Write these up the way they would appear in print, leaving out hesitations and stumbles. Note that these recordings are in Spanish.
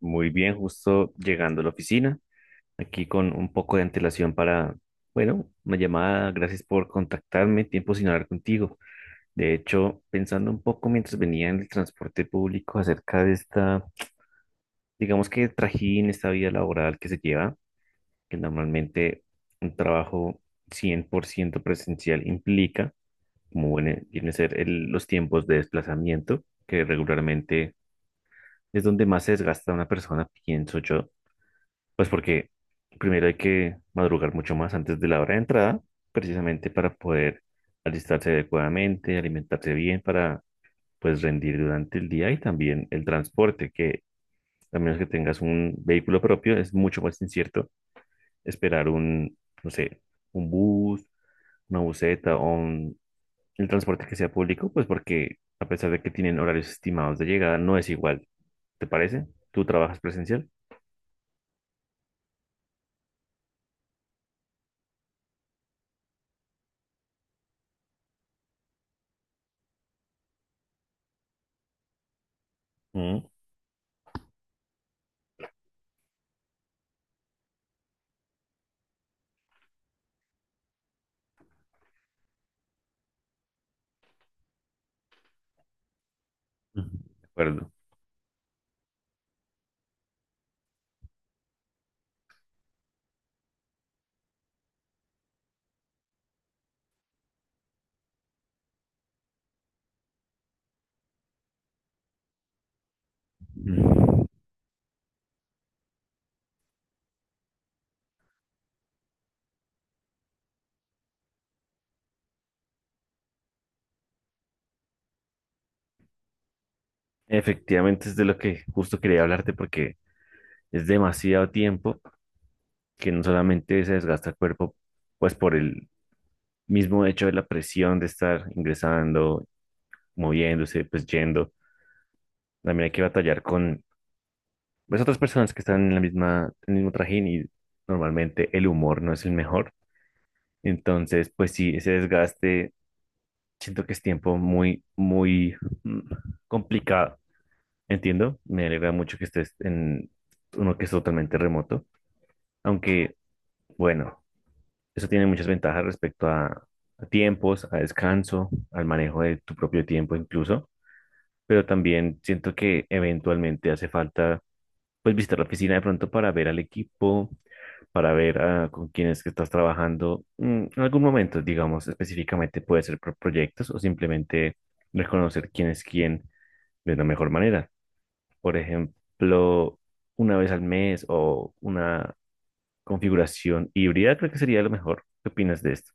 Muy bien, justo llegando a la oficina, aquí con un poco de antelación para, bueno, una llamada. Gracias por contactarme, tiempo sin hablar contigo. De hecho, pensando un poco mientras venía en el transporte público acerca de esta, digamos que trajín, esta vida laboral que se lleva, que normalmente un trabajo 100% presencial implica, como viene, viene a ser los tiempos de desplazamiento, que regularmente es donde más se desgasta una persona, pienso yo. Pues porque primero hay que madrugar mucho más antes de la hora de entrada, precisamente para poder alistarse adecuadamente, alimentarse bien, para pues rendir durante el día y también el transporte, que a menos que tengas un vehículo propio, es mucho más incierto esperar un, no sé, un bus, una buseta o el transporte que sea público, pues porque a pesar de que tienen horarios estimados de llegada, no es igual. ¿Te parece? ¿Tú trabajas presencial? Mm, de acuerdo. Efectivamente, es de lo que justo quería hablarte, porque es demasiado tiempo que no solamente se desgasta el cuerpo, pues por el mismo hecho de la presión de estar ingresando, moviéndose, pues yendo, también hay que batallar con, pues, otras personas que están en en el mismo trajín, y normalmente el humor no es el mejor. Entonces, pues sí, ese desgaste siento que es tiempo muy, muy, mm, complicado. Entiendo, me alegra mucho que estés en uno que es totalmente remoto. Aunque, bueno, eso tiene muchas ventajas respecto a tiempos, a descanso, al manejo de tu propio tiempo incluso, pero también siento que eventualmente hace falta pues visitar la oficina de pronto para ver al equipo, para ver, ah, con quién que estás trabajando, en algún momento, digamos, específicamente puede ser por proyectos, o simplemente reconocer quién es quién de la mejor manera. Por ejemplo, una vez al mes o una configuración híbrida, creo que sería lo mejor. ¿Qué opinas de esto?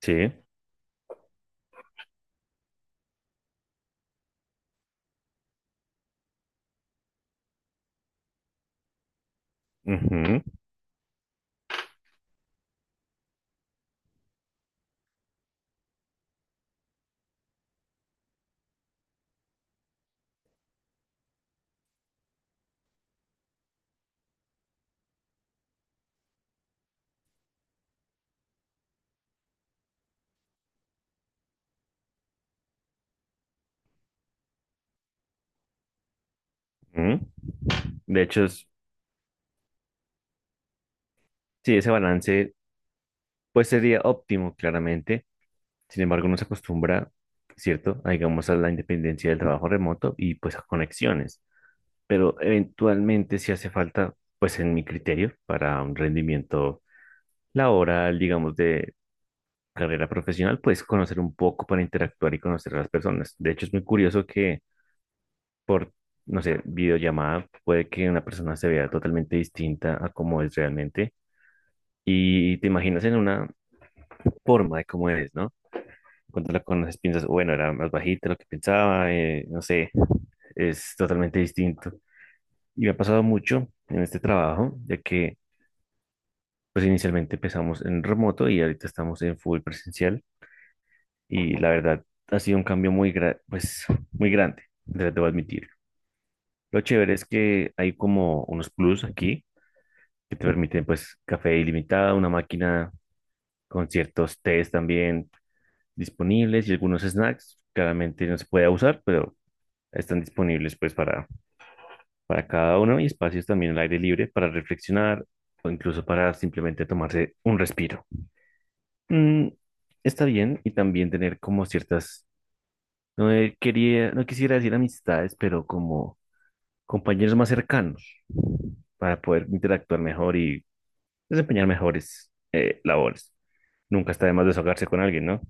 Sí. Ujú, ujú. De hecho, sí, ese balance pues sería óptimo, claramente. Sin embargo, no se acostumbra, ¿cierto? A, digamos, a la independencia del trabajo remoto y pues a conexiones. Pero eventualmente si hace falta, pues en mi criterio, para un rendimiento laboral, digamos, de carrera profesional, pues conocer un poco para interactuar y conocer a las personas. De hecho, es muy curioso que por, no sé, videollamada, puede que una persona se vea totalmente distinta a cómo es realmente, y te imaginas en una forma de cómo es, ¿no? Cuando la conoces piensas, bueno, era más bajita de lo que pensaba, no sé, es totalmente distinto. Y me ha pasado mucho en este trabajo, ya que pues inicialmente empezamos en remoto y ahorita estamos en full presencial, y la verdad ha sido un cambio muy, pues, muy grande, debo admitir. Lo chévere es que hay como unos plus aquí que te permiten pues café ilimitado, una máquina con ciertos tés también disponibles y algunos snacks. Claramente no se puede abusar, pero están disponibles pues para cada uno, y espacios también al aire libre para reflexionar o incluso para simplemente tomarse un respiro. Mm, está bien, y también tener como ciertas, no, quería, no quisiera decir amistades, pero como compañeros más cercanos para poder interactuar mejor y desempeñar mejores, labores. Nunca está de más desahogarse con alguien, ¿no?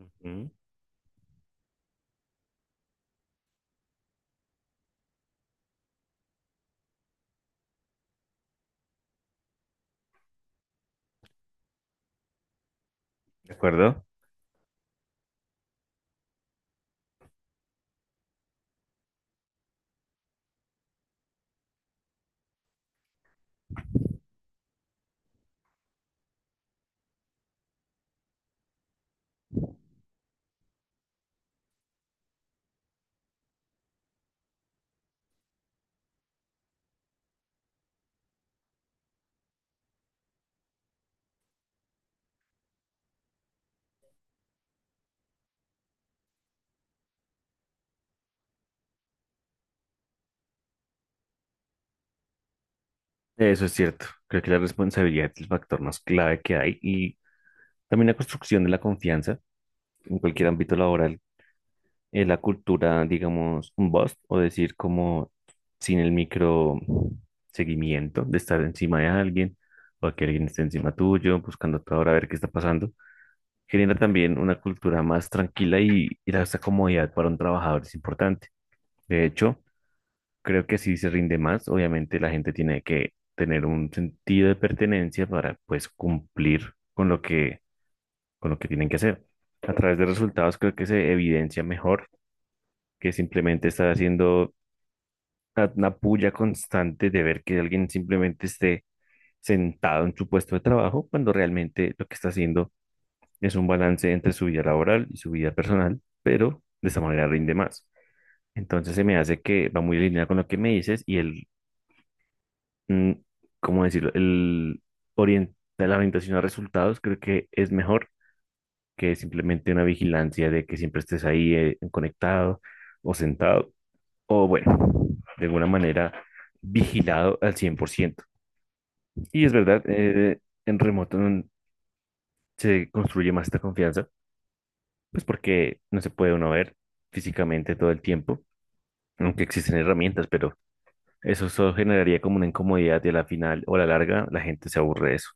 Ujú. ¿De acuerdo? Eso es cierto. Creo que la responsabilidad es el factor más clave que hay, y también la construcción de la confianza en cualquier ámbito laboral. La cultura, digamos, un bust, o decir como sin el micro seguimiento de estar encima de alguien, o que alguien esté encima tuyo buscando a toda hora a ver qué está pasando, genera también una cultura más tranquila, y esa comodidad para un trabajador es importante. De hecho, creo que así se rinde más. Obviamente la gente tiene que tener un sentido de pertenencia para pues cumplir con lo que tienen que hacer. A través de resultados creo que se evidencia mejor que simplemente estar haciendo una puya constante de ver que alguien simplemente esté sentado en su puesto de trabajo, cuando realmente lo que está haciendo es un balance entre su vida laboral y su vida personal, pero de esa manera rinde más. Entonces se me hace que va muy alineado con lo que me dices, y el mm, ¿cómo decirlo? El la orientación a resultados creo que es mejor que simplemente una vigilancia de que siempre estés ahí, conectado o sentado o, bueno, de alguna manera vigilado al 100%. Y es verdad, en remoto se construye más esta confianza, pues porque no se puede uno ver físicamente todo el tiempo, aunque existen herramientas, pero eso solo generaría como una incomodidad, y a la final o a la larga la gente se aburre de eso.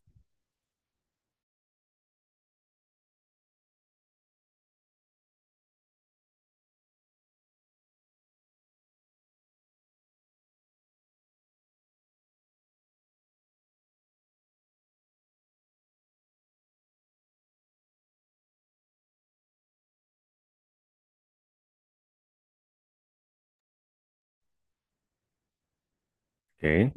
¿Ok?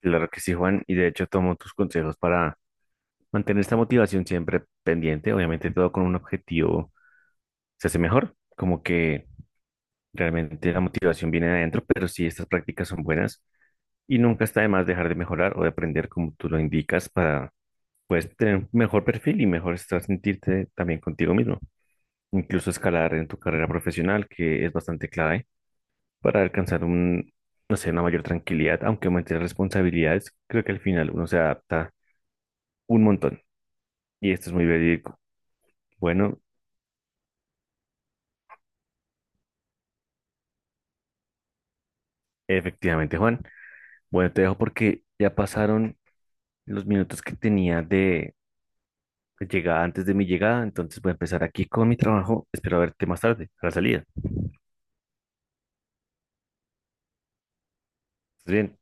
Claro que sí, Juan, y de hecho tomo tus consejos para mantener esta motivación siempre pendiente. Obviamente todo con un objetivo se hace mejor, como que realmente la motivación viene de adentro, pero sí, estas prácticas son buenas, y nunca está de más dejar de mejorar o de aprender como tú lo indicas para pues tener un mejor perfil y mejor estar, sentirte también contigo mismo. Incluso escalar en tu carrera profesional, que es bastante clave para alcanzar un, no sé, una mayor tranquilidad. Aunque aumente las responsabilidades, creo que al final uno se adapta un montón. Y esto es muy verídico. Bueno, efectivamente, Juan. Bueno, te dejo porque ya pasaron los minutos que tenía de llegada, antes de mi llegada. Entonces voy a empezar aquí con mi trabajo. Espero verte más tarde, a la salida. ¿Estás bien?